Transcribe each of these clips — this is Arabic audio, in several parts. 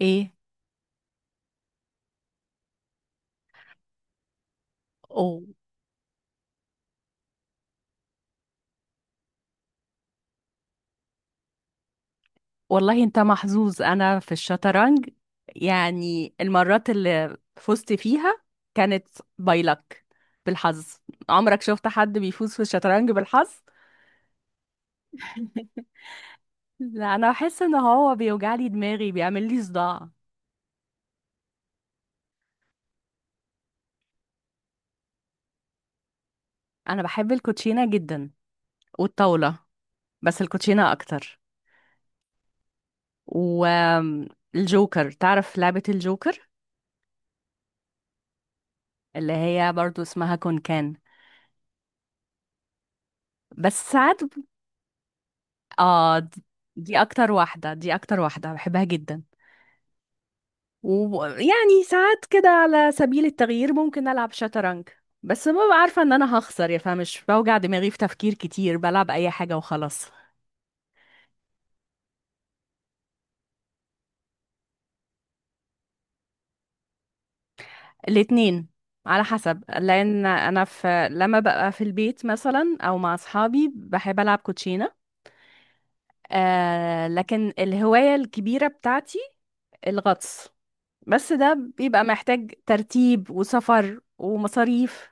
ايه. أو والله انت محظوظ. انا في الشطرنج، يعني المرات اللي فزت فيها كانت باي لك بالحظ. عمرك شفت حد بيفوز في الشطرنج بالحظ؟ لا، انا بحس ان هو بيوجع لي دماغي، بيعمل لي صداع. انا بحب الكوتشينه جدا، والطاوله، بس الكوتشينه اكتر. والجوكر، تعرف لعبه الجوكر؟ اللي هي برضو اسمها كونكان. بس ساعات اه د- دي اكتر واحدة، دي اكتر واحدة بحبها جدا. ويعني ساعات كده على سبيل التغيير ممكن العب شطرنج، بس ببقى عارفة ان انا هخسر، يا فمش بوجع دماغي في تفكير كتير، بلعب اي حاجة وخلاص. الاتنين، على حسب. لان انا في لما ببقى في البيت مثلا او مع اصحابي بحب العب كوتشينة. لكن الهواية الكبيرة بتاعتي الغطس، بس ده بيبقى محتاج ترتيب وسفر ومصاريف.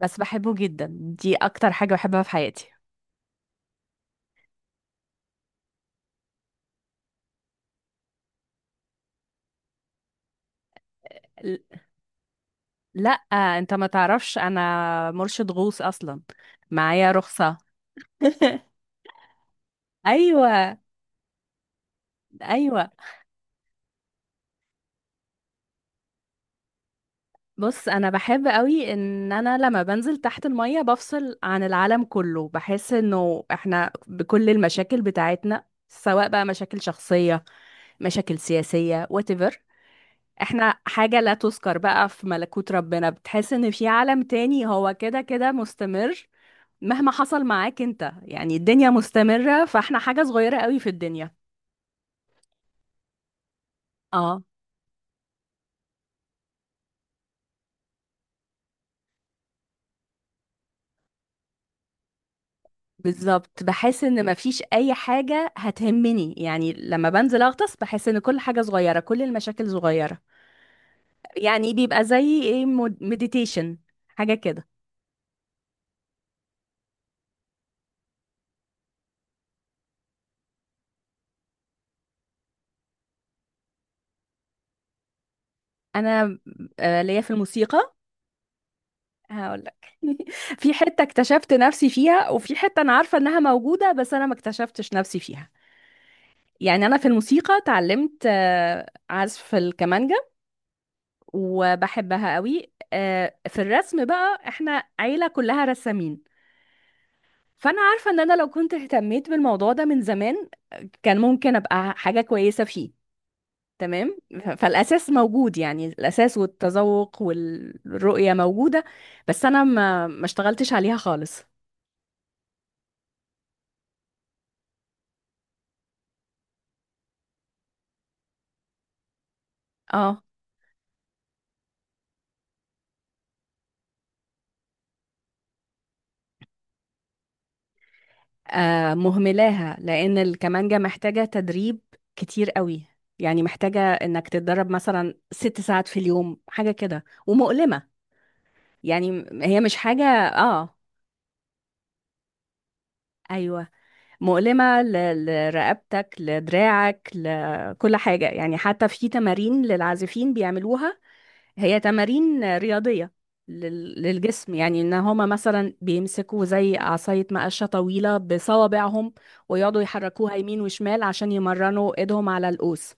بس بحبه جدا، دي اكتر حاجة بحبها في حياتي. ل- لا، انت ما تعرفش انا مرشد غوص اصلا، معايا رخصة. ايوه، ايوه. بص، انا بحب قوي ان انا لما بنزل تحت المية بفصل عن العالم كله، بحس انه احنا بكل المشاكل بتاعتنا، سواء بقى مشاكل شخصية، مشاكل سياسية whatever، احنا حاجة لا تذكر بقى في ملكوت ربنا. بتحس ان في عالم تاني هو كده كده مستمر، مهما حصل معاك انت، يعني الدنيا مستمرة، فاحنا حاجة صغيرة قوي في الدنيا. اه، بالظبط، بحس ان مفيش اي حاجة هتهمني. يعني لما بنزل اغطس بحس ان كل حاجة صغيرة، كل المشاكل صغيرة. يعني بيبقى زي ايه، مديتيشن، حاجة كده. انا ليا في الموسيقى، هقول لك. في حتة اكتشفت نفسي فيها، وفي حتة انا عارفة انها موجودة بس انا ما اكتشفتش نفسي فيها. يعني انا في الموسيقى اتعلمت عزف الكمانجا وبحبها قوي. في الرسم بقى احنا عيلة كلها رسامين، فانا عارفة ان انا لو كنت اهتميت بالموضوع ده من زمان كان ممكن ابقى حاجة كويسة فيه. تمام. فالاساس موجود، يعني الاساس والتذوق والرؤية موجودة، بس انا ما اشتغلتش عليها خالص. اه. مهملاها لان الكمانجة محتاجة تدريب كتير قوي. يعني محتاجة انك تتدرب مثلا ست ساعات في اليوم، حاجة كده، ومؤلمة. يعني هي مش حاجة. اه، ايوه. مؤلمة لرقبتك، لدراعك، لكل حاجة. يعني حتى في تمارين للعازفين بيعملوها، هي تمارين رياضية للجسم. يعني ان هما مثلا بيمسكوا زي عصاية مقشة طويلة بصوابعهم ويقعدوا يحركوها يمين وشمال عشان يمرنوا ايدهم على القوس.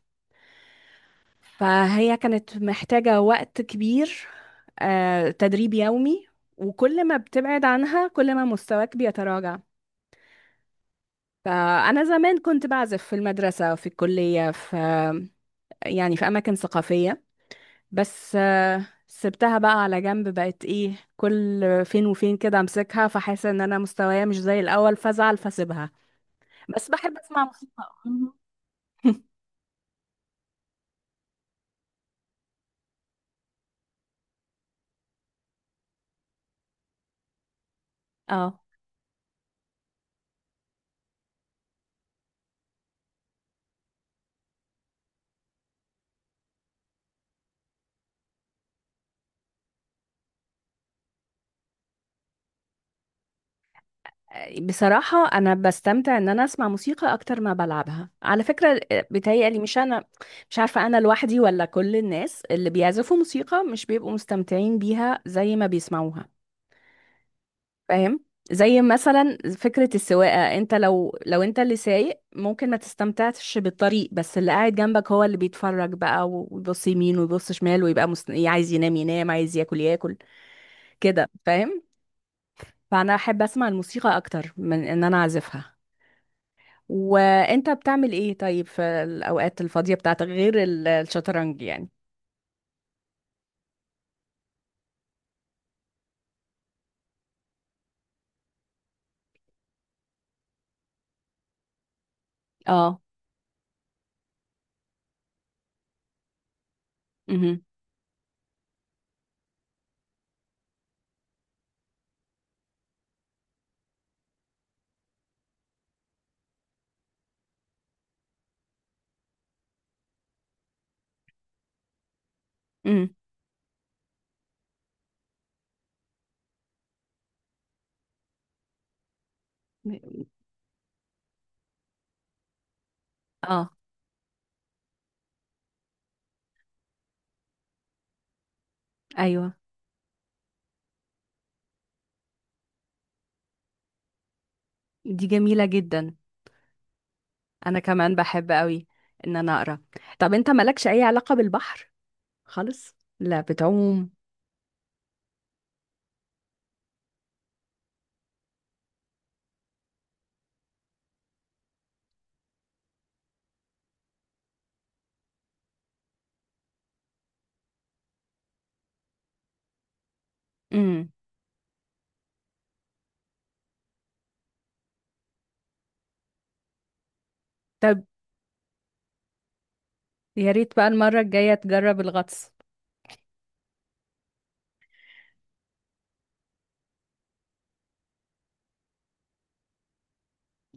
فهي كانت محتاجة وقت كبير، تدريب يومي، وكل ما بتبعد عنها كل ما مستواك بيتراجع. فأنا زمان كنت بعزف في المدرسة، في الكلية، في، يعني في أماكن ثقافية. بس سبتها بقى على جنب، بقت إيه، كل فين وفين كده أمسكها فحاسة إن أنا مستوايا مش زي الأول فأزعل فأسيبها. بس بحب أسمع موسيقى. مهم. اه، بصراحة أنا بستمتع إن أنا أسمع موسيقى أكتر ما بلعبها على فكرة. بيتهيألي، مش أنا مش عارفة، أنا لوحدي ولا كل الناس اللي بيعزفوا موسيقى مش بيبقوا مستمتعين بيها زي ما بيسمعوها. فاهم؟ زي مثلا فكرة السواقة، انت لو انت اللي سايق ممكن ما تستمتعش بالطريق، بس اللي قاعد جنبك هو اللي بيتفرج بقى، ويبص يمين ويبص شمال، ويبقى مست... عايز ينام ينام، عايز ياكل ياكل. كده؟ فاهم. فانا احب اسمع الموسيقى اكتر من ان انا اعزفها. وانت بتعمل ايه طيب في الاوقات الفاضية بتاعتك غير الشطرنج يعني؟ اه. امم امم اه، ايوه. دي جميلة جدا، انا كمان بحب قوي ان انا اقرا. طب انت مالكش اي علاقة بالبحر خالص؟ لا بتعوم؟ امم طب يا ريت بقى المرة الجاية تجرب الغطس.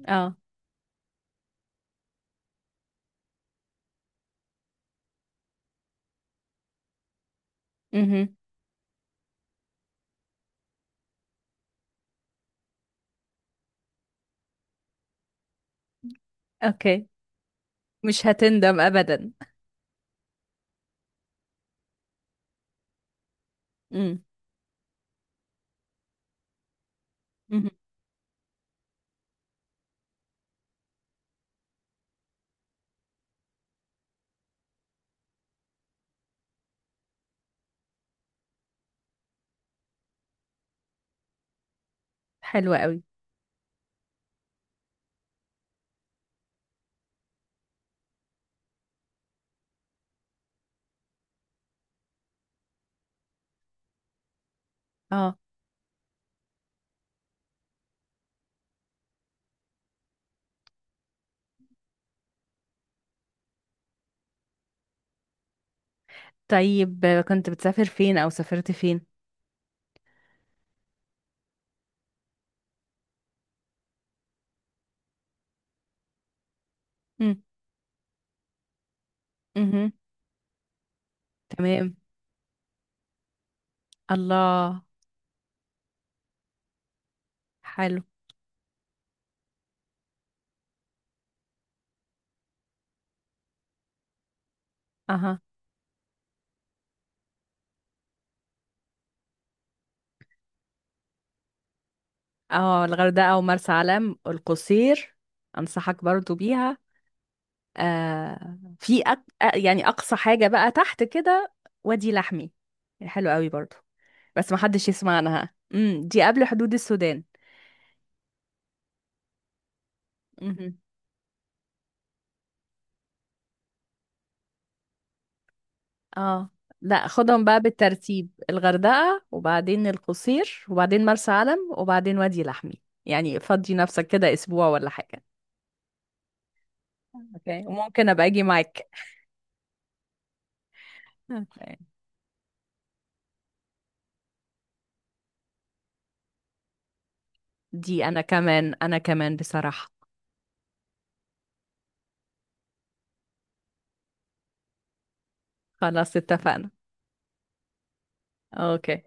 اه. امم اوكي. مش هتندم ابدا. امم امم حلوة قوي. اه. طيب كنت بتسافر فين او سافرت فين؟ امم امم تمام، الله. حلو. اها. اه، الغردقة ومرسى علم القصير، انصحك برضو بيها. في أك... يعني اقصى حاجة بقى تحت كده وادي لحمي، يعني حلو قوي برضو. بس ما حدش يسمع عنها. دي قبل حدود السودان. امم اه. لا، خدهم بقى بالترتيب، الغردقة وبعدين القصير وبعدين مرسى علم وبعدين وادي لحمي، يعني فضي نفسك كده اسبوع ولا حاجة. اوكي، وممكن ابقى اجي معاك. اوكي. دي انا كمان، انا كمان بصراحة. خلاص اتفقنا. اوكي.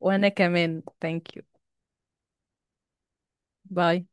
وانا كمان ثانك يو. باي.